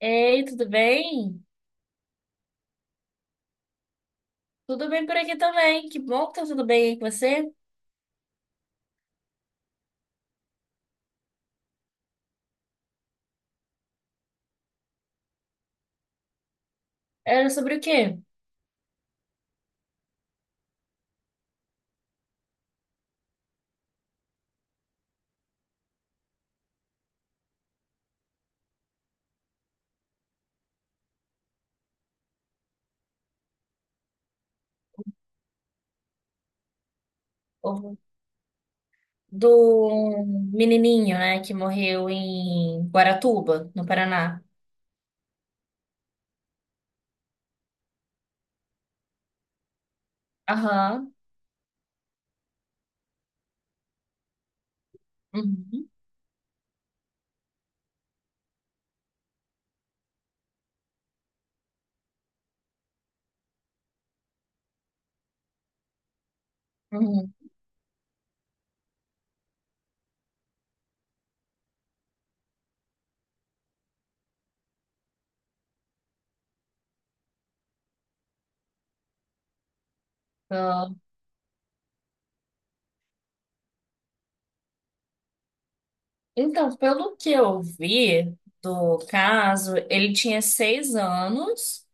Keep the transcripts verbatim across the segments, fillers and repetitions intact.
Ei, tudo bem? Tudo bem por aqui também. Que bom que tá tudo bem aí com você. Era sobre o quê? O- Do menininho, né, que morreu em Guaratuba, no Paraná. Aham. Uhum. Uhum. Ah, Então, pelo que eu vi do caso, ele tinha seis anos.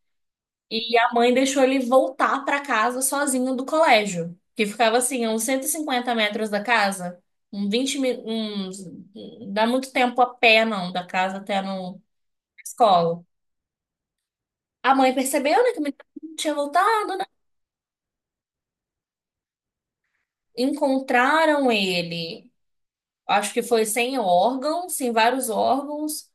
E a mãe deixou ele voltar para casa sozinho do colégio, que ficava assim, a uns cento e cinquenta metros da casa, um vinte mi- uns, não dá muito tempo a pé não, da casa até no a escola. A mãe percebeu, né, que o menino não tinha voltado, né? Encontraram ele, acho que foi sem órgãos, sem vários órgãos,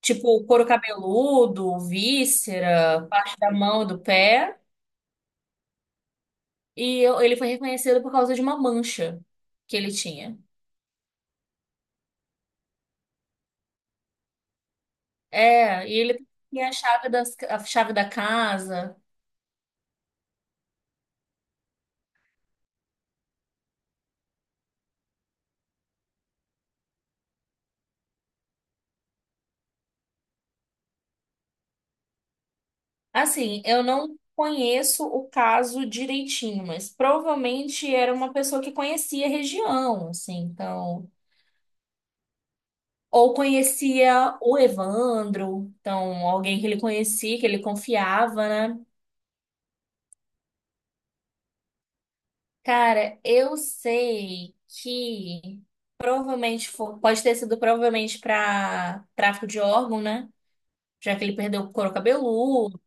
tipo couro cabeludo, víscera, parte da mão e do pé, e eu- ele foi reconhecido por causa de uma mancha que ele tinha. É, e ele tem a chave das, a chave da casa. Assim, eu não conheço o caso direitinho, mas provavelmente era uma pessoa que conhecia a região, assim, então. Ou conhecia o Evandro, então, alguém que ele conhecia, que ele confiava, né? Cara, eu sei que provavelmente foi- pode ter sido provavelmente para tráfico de órgão, né? Já que ele perdeu o couro cabeludo.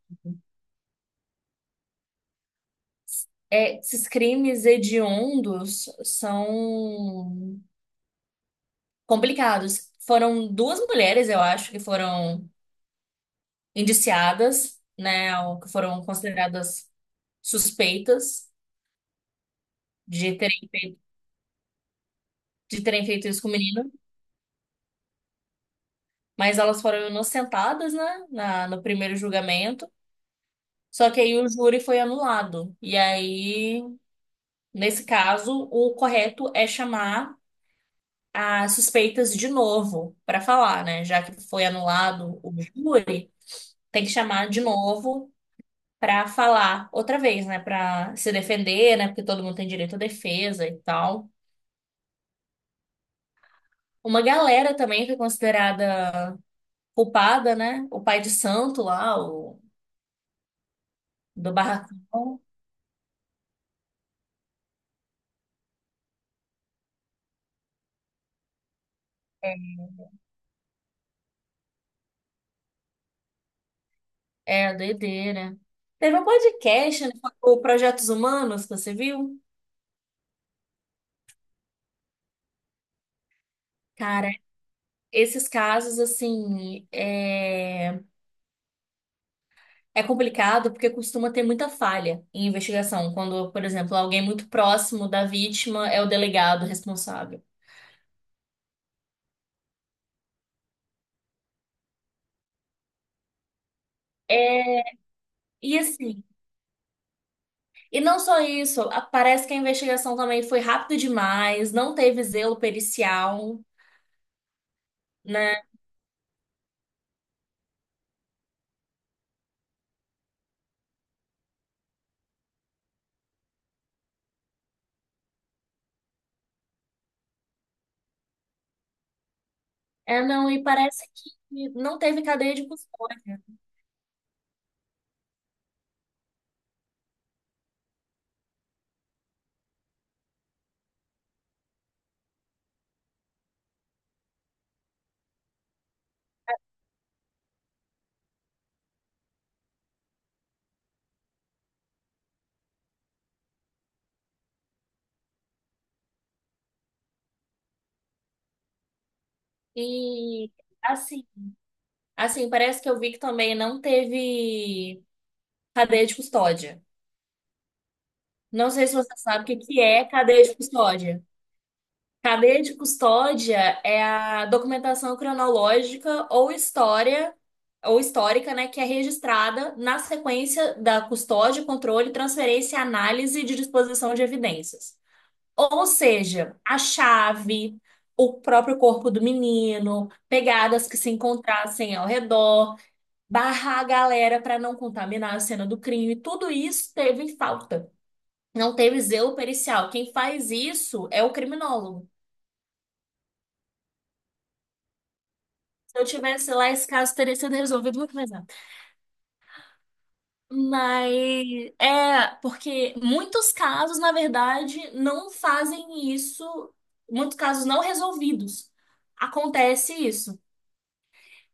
É, esses crimes hediondos são complicados. Foram duas mulheres, eu acho, que foram indiciadas, né, ou que foram consideradas suspeitas de terem feito, de terem feito isso com o menino, mas elas foram inocentadas, né, na, no primeiro julgamento. Só que aí o júri foi anulado. E aí, nesse caso, o correto é chamar as suspeitas de novo para falar, né? Já que foi anulado o júri, tem que chamar de novo para falar outra vez, né? Para se defender, né? Porque todo mundo tem direito à defesa e tal. Uma galera também que é considerada culpada, né? O pai de santo lá, o do barracão, é a doideira, né? Teve um podcast, né, o Projetos Humanos, que você viu? Cara, esses casos, assim, é é complicado porque costuma ter muita falha em investigação, quando, por exemplo, alguém muito próximo da vítima é o delegado responsável. É, e assim, e não só isso, a- parece que a investigação também foi rápida demais, não teve zelo pericial, né? É, não, e parece que não teve cadeia de custódia. E assim, assim, parece que eu vi que também não teve cadeia de custódia. Não sei se você sabe o que que é cadeia de custódia. Cadeia de custódia é a documentação cronológica ou história ou histórica, né, que é registrada na sequência da custódia, controle, transferência e análise de disposição de evidências. Ou seja, a chave, o próprio corpo do menino, pegadas que se encontrassem ao redor, barrar a galera para não contaminar a cena do crime, tudo isso teve falta. Não teve zelo pericial. Quem faz isso é o criminólogo. Se eu tivesse lá, esse caso teria sido resolvido muito mais rápido. Mas é porque muitos casos, na verdade, não fazem isso, muitos casos não resolvidos. Acontece isso.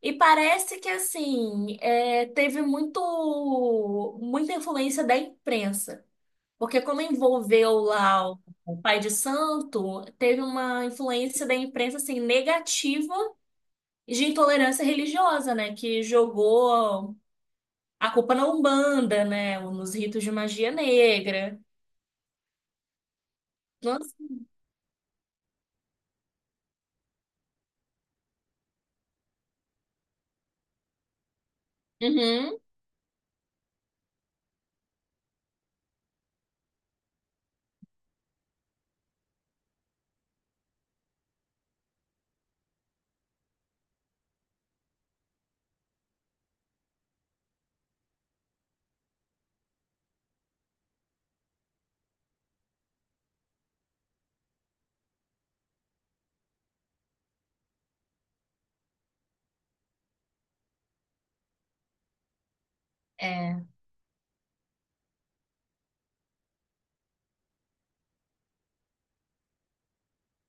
E parece que assim, é, teve muito muita influência da imprensa. Porque como envolveu lá o o pai de santo, teve uma influência da imprensa assim negativa de intolerância religiosa, né, que jogou a culpa na Umbanda, né? Ou nos ritos de magia negra. Nossa. Uhum. É.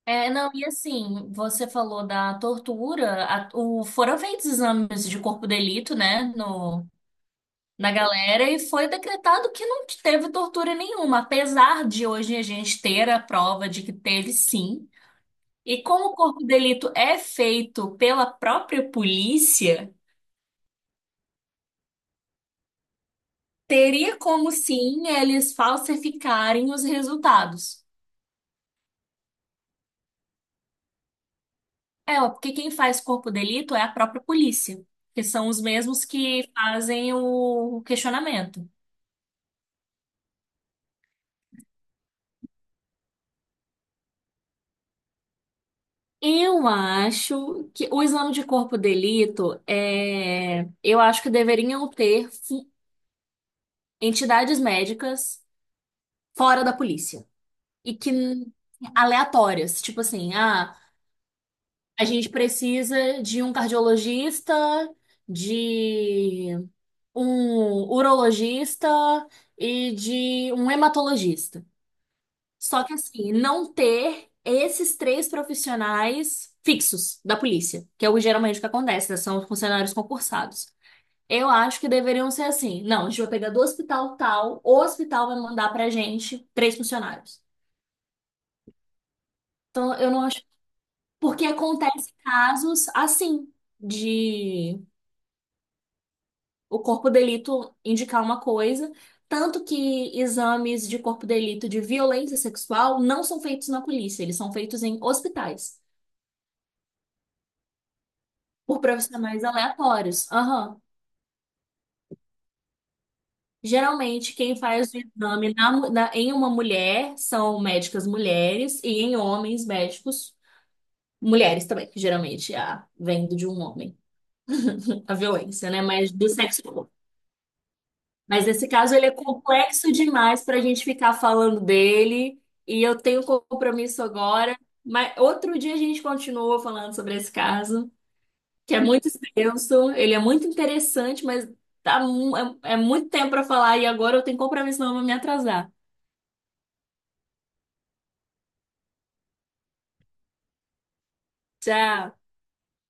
É, não, e assim, você falou da tortura, a- o, foram feitos exames de corpo de delito, né, no, na galera, e foi decretado que não teve tortura nenhuma, apesar de hoje a gente ter a prova de que teve sim. E como o corpo de delito é feito pela própria polícia, teria como sim eles falsificarem os resultados. É, ó, porque quem faz corpo de delito é a própria polícia, que são os mesmos que fazem o questionamento. Eu acho que o exame de corpo de delito é, eu acho que deveriam ter fu- entidades médicas fora da polícia e que aleatórias, tipo assim, ah, a gente precisa de um cardiologista, de um urologista e de um hematologista. Só que assim, não ter esses três profissionais fixos da polícia, que é o geralmente que acontece, né? São funcionários concursados. Eu acho que deveriam ser assim. Não, a gente vai pegar do hospital tal, o hospital vai mandar pra gente três funcionários. Então, eu não acho. Porque acontece casos assim, de o corpo de delito indicar uma coisa, tanto que exames de corpo de delito de violência sexual não são feitos na polícia, eles são feitos em hospitais. Por profissionais aleatórios. Aham. Geralmente, quem faz o exame na mu- na- em uma mulher são médicas mulheres e em homens, médicos mulheres também, que geralmente a, vem de um homem. A violência, né? Mas do sexo oposto. Mas nesse caso, ele é complexo demais para a gente ficar falando dele e eu tenho compromisso agora. Mas outro dia a gente continua falando sobre esse caso, que é muito extenso, ele é muito interessante, mas tá, mu- é, é muito tempo para falar e agora eu tenho compromisso, não eu vou me atrasar. Tchau.